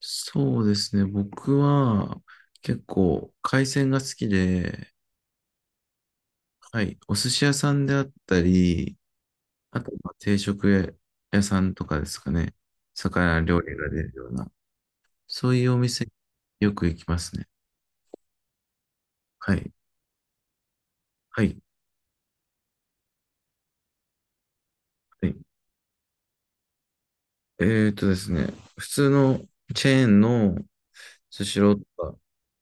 そうですね。僕は結構海鮮が好きで、はい。お寿司屋さんであったり、あとまあ定食屋さんとかですかね。魚料理が出るような、そういうお店よく行きますね。はい。はい。はい。ですね。普通のチェーンのスシローとか、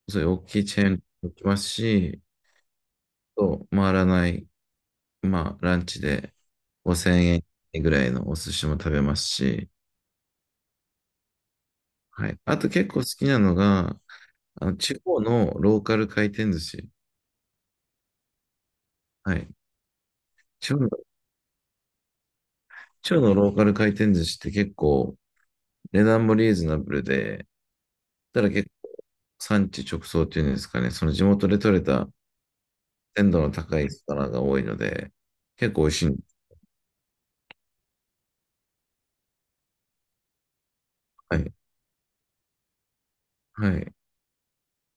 そういう大きいチェーンも行きますし、と回らない、まあランチで5000円ぐらいのお寿司も食べますし、はい。あと結構好きなのが、あの、地方のローカル回転寿司。はい。地方の、地方のローカル回転寿司って結構値段もリーズナブルで、ただ結構産地直送っていうんですかね、その地元で採れた鮮度の高い魚が多いので、結構美味しいんです。はい。はい。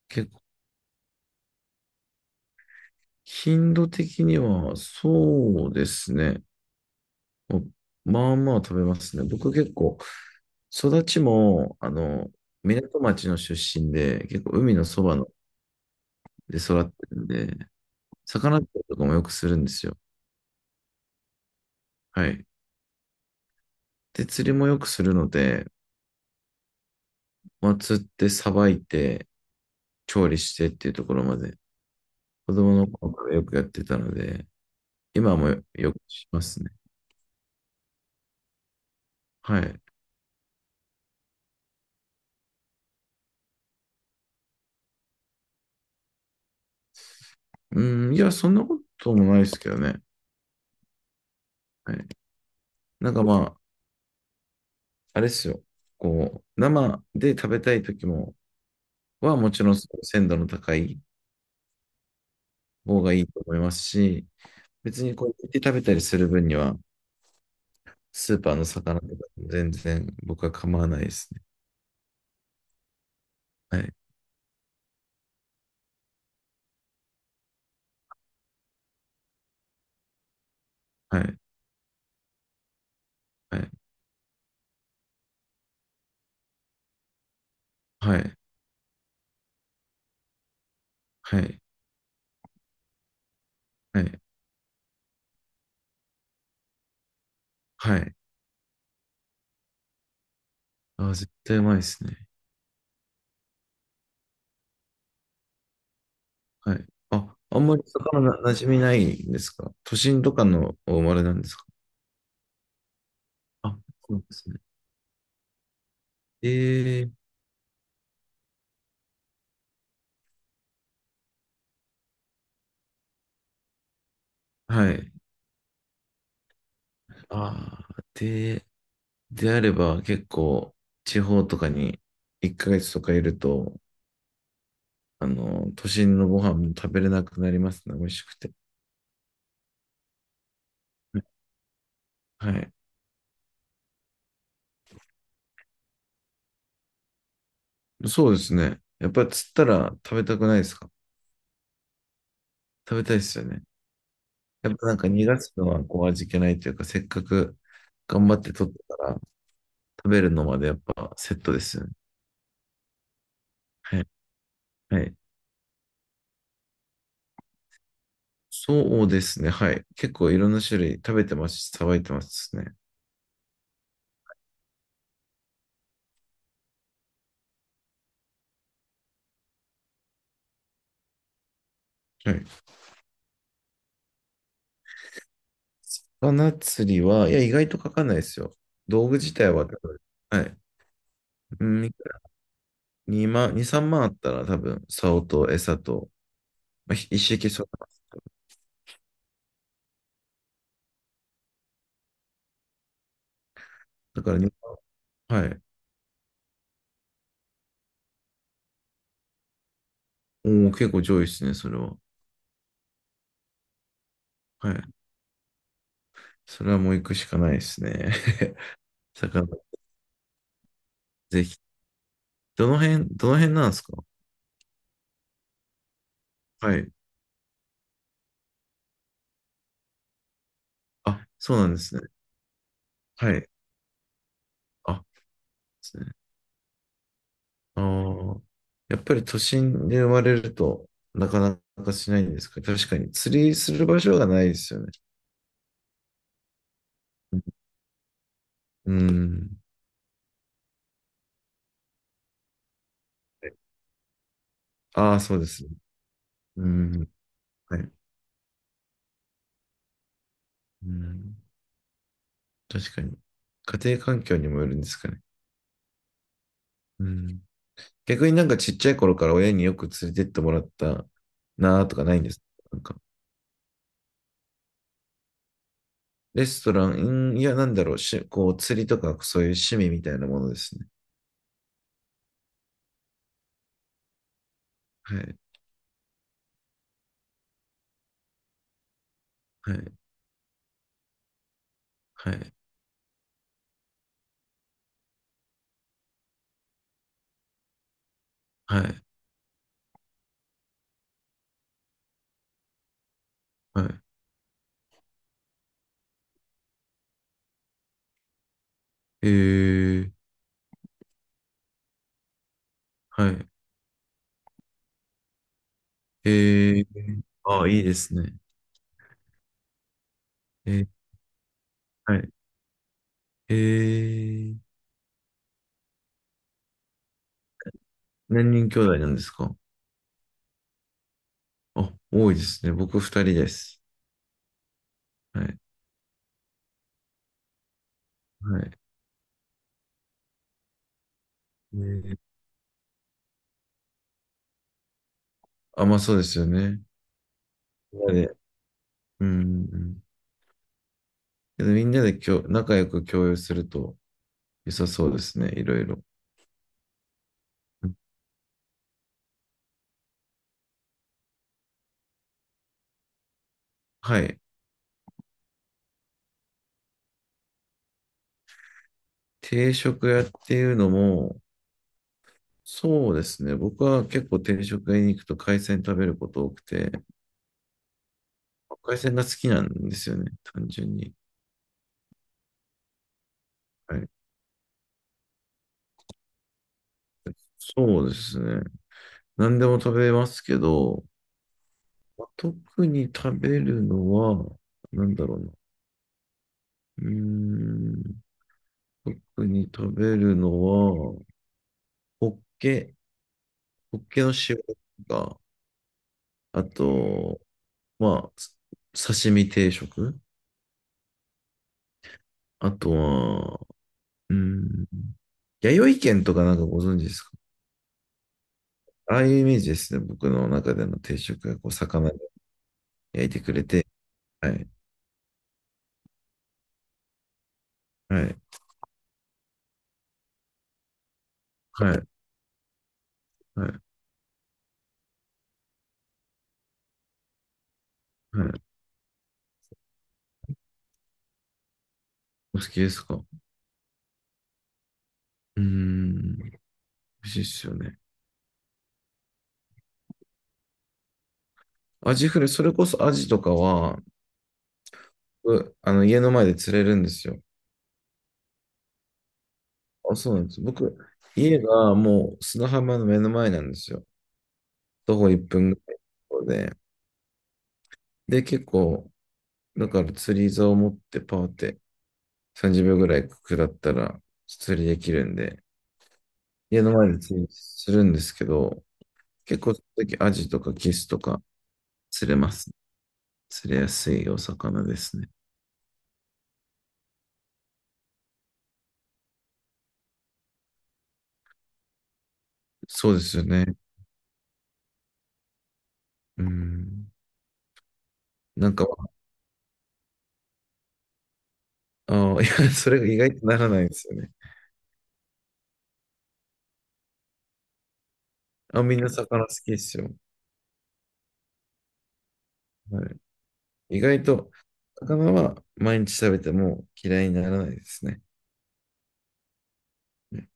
結構、頻度的にはそうですね。おまあまあ食べますね。僕結構、育ちも、あの、港町の出身で、結構海のそばので育ってるんで、魚釣りとかもよくするんですよ。はい。で、釣りもよくするので、まあ、釣ってさばいて、調理してっていうところまで、子供の頃からよくやってたので、今もよくしますね。はい。うん、いや、そんなこともないですけどね。はい。なんかまあ、あれですよ。こう、生で食べたい時も、はもちろん鮮度の高い方がいいと思いますし、別にこう、煮て食べたりする分には、スーパーの魚とか全然僕は構わないですね。はい、はい、はい、はい、はい、はい、はい。あー、絶対うまいですね。はい。あ、あんまり魚な馴染みないんですか？都心とかのお生まれなんですか？あ、そうですね。ええ、はい。ああ、で、であれば結構地方とかに1ヶ月とかいると、あの、都心のご飯も食べれなくなりますね。美味しくて。はい。そうですね。やっぱり釣ったら食べたくないですか？食べたいですよね。やっぱなんか逃がすのはこう味気ないというか、せっかく頑張って取ったから食べるのまでやっぱセットですよね。はい。はい。そうですね。はい。結構いろんな種類食べてますし、さばいてますね。はい。魚釣りは、いや、意外とかかんないですよ。道具自体は、はい。うん、2万、2、3万あったら多分、竿と餌と、まあ、一式そうだなだからにまんはい。おお、結構上位ですね、それは。はい。それはもう行くしかないですね。魚、ぜひ。どの辺、どの辺なんですか？はい。あ、そうなんですね。はい。あ、ですね。ああ。やっぱり都心で生まれると、なかなかしないんですか？確かに。釣りする場所がないですよね。うん。ああー、そうですね。うん。はい。うん。確かに。家庭環境にもよるんですかね。うん。逆になんかちっちゃい頃から親によく連れてってもらったなーとかないんですか？なんかレストラン、うん、いや、なんだろう、こう、釣りとか、そういう趣味みたいなものですね。はい、はい、はい、はい、はい。えー、はい、えー、あ、いいですね。えー、はい、えー、何人兄弟なんですか？あ、多いですね。僕二人です。はい、はい。えー、あ、まあそうですよね。みんなで、うん、うん。けどみんなで仲良く共有すると良さそうですね、いろいろ。はい。定食屋っていうのも、そうですね。僕は結構定食屋に行くと海鮮食べること多くて、海鮮が好きなんですよね、単純に。はい。そうですね。何でも食べますけど、まあ特に食べるのは、なんだろうな。うーん、特に食べるのは、ホッケ、ホッケの塩とか、あと、まあ、刺身定食、あとは、うーん、弥生県とかなんかご存知ですか？ああいうイメージですね。僕の中での定食がこう魚で焼いてくれて。はい。はい。はい。はい。はい。お好きですか？うーん。美味しいっすよね。アジフライ、それこそアジとかは、あの、家の前で釣れるんですよ。あ、そうなんです。僕、家がもう砂浜の目の前なんですよ。徒歩1分ぐらいのところで。で、結構、だから釣り竿を持ってパーって30秒ぐらい下ったら釣りできるんで、家の前で釣りするんですけど、結構、その時アジとかキスとか釣れます。釣れやすいお魚ですね。そうですよね。うん。なんか、ああ、いや、それが意外とならないですよね。あ、みんな魚好きですよ。はい。意外と、魚は毎日食べても嫌いにならないですね。うん。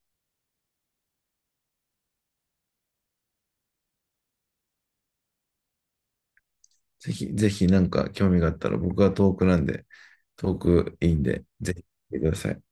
ぜひ、ぜひなんか興味があったら、僕は遠くなんで、遠くいいんで、ぜひ来てください。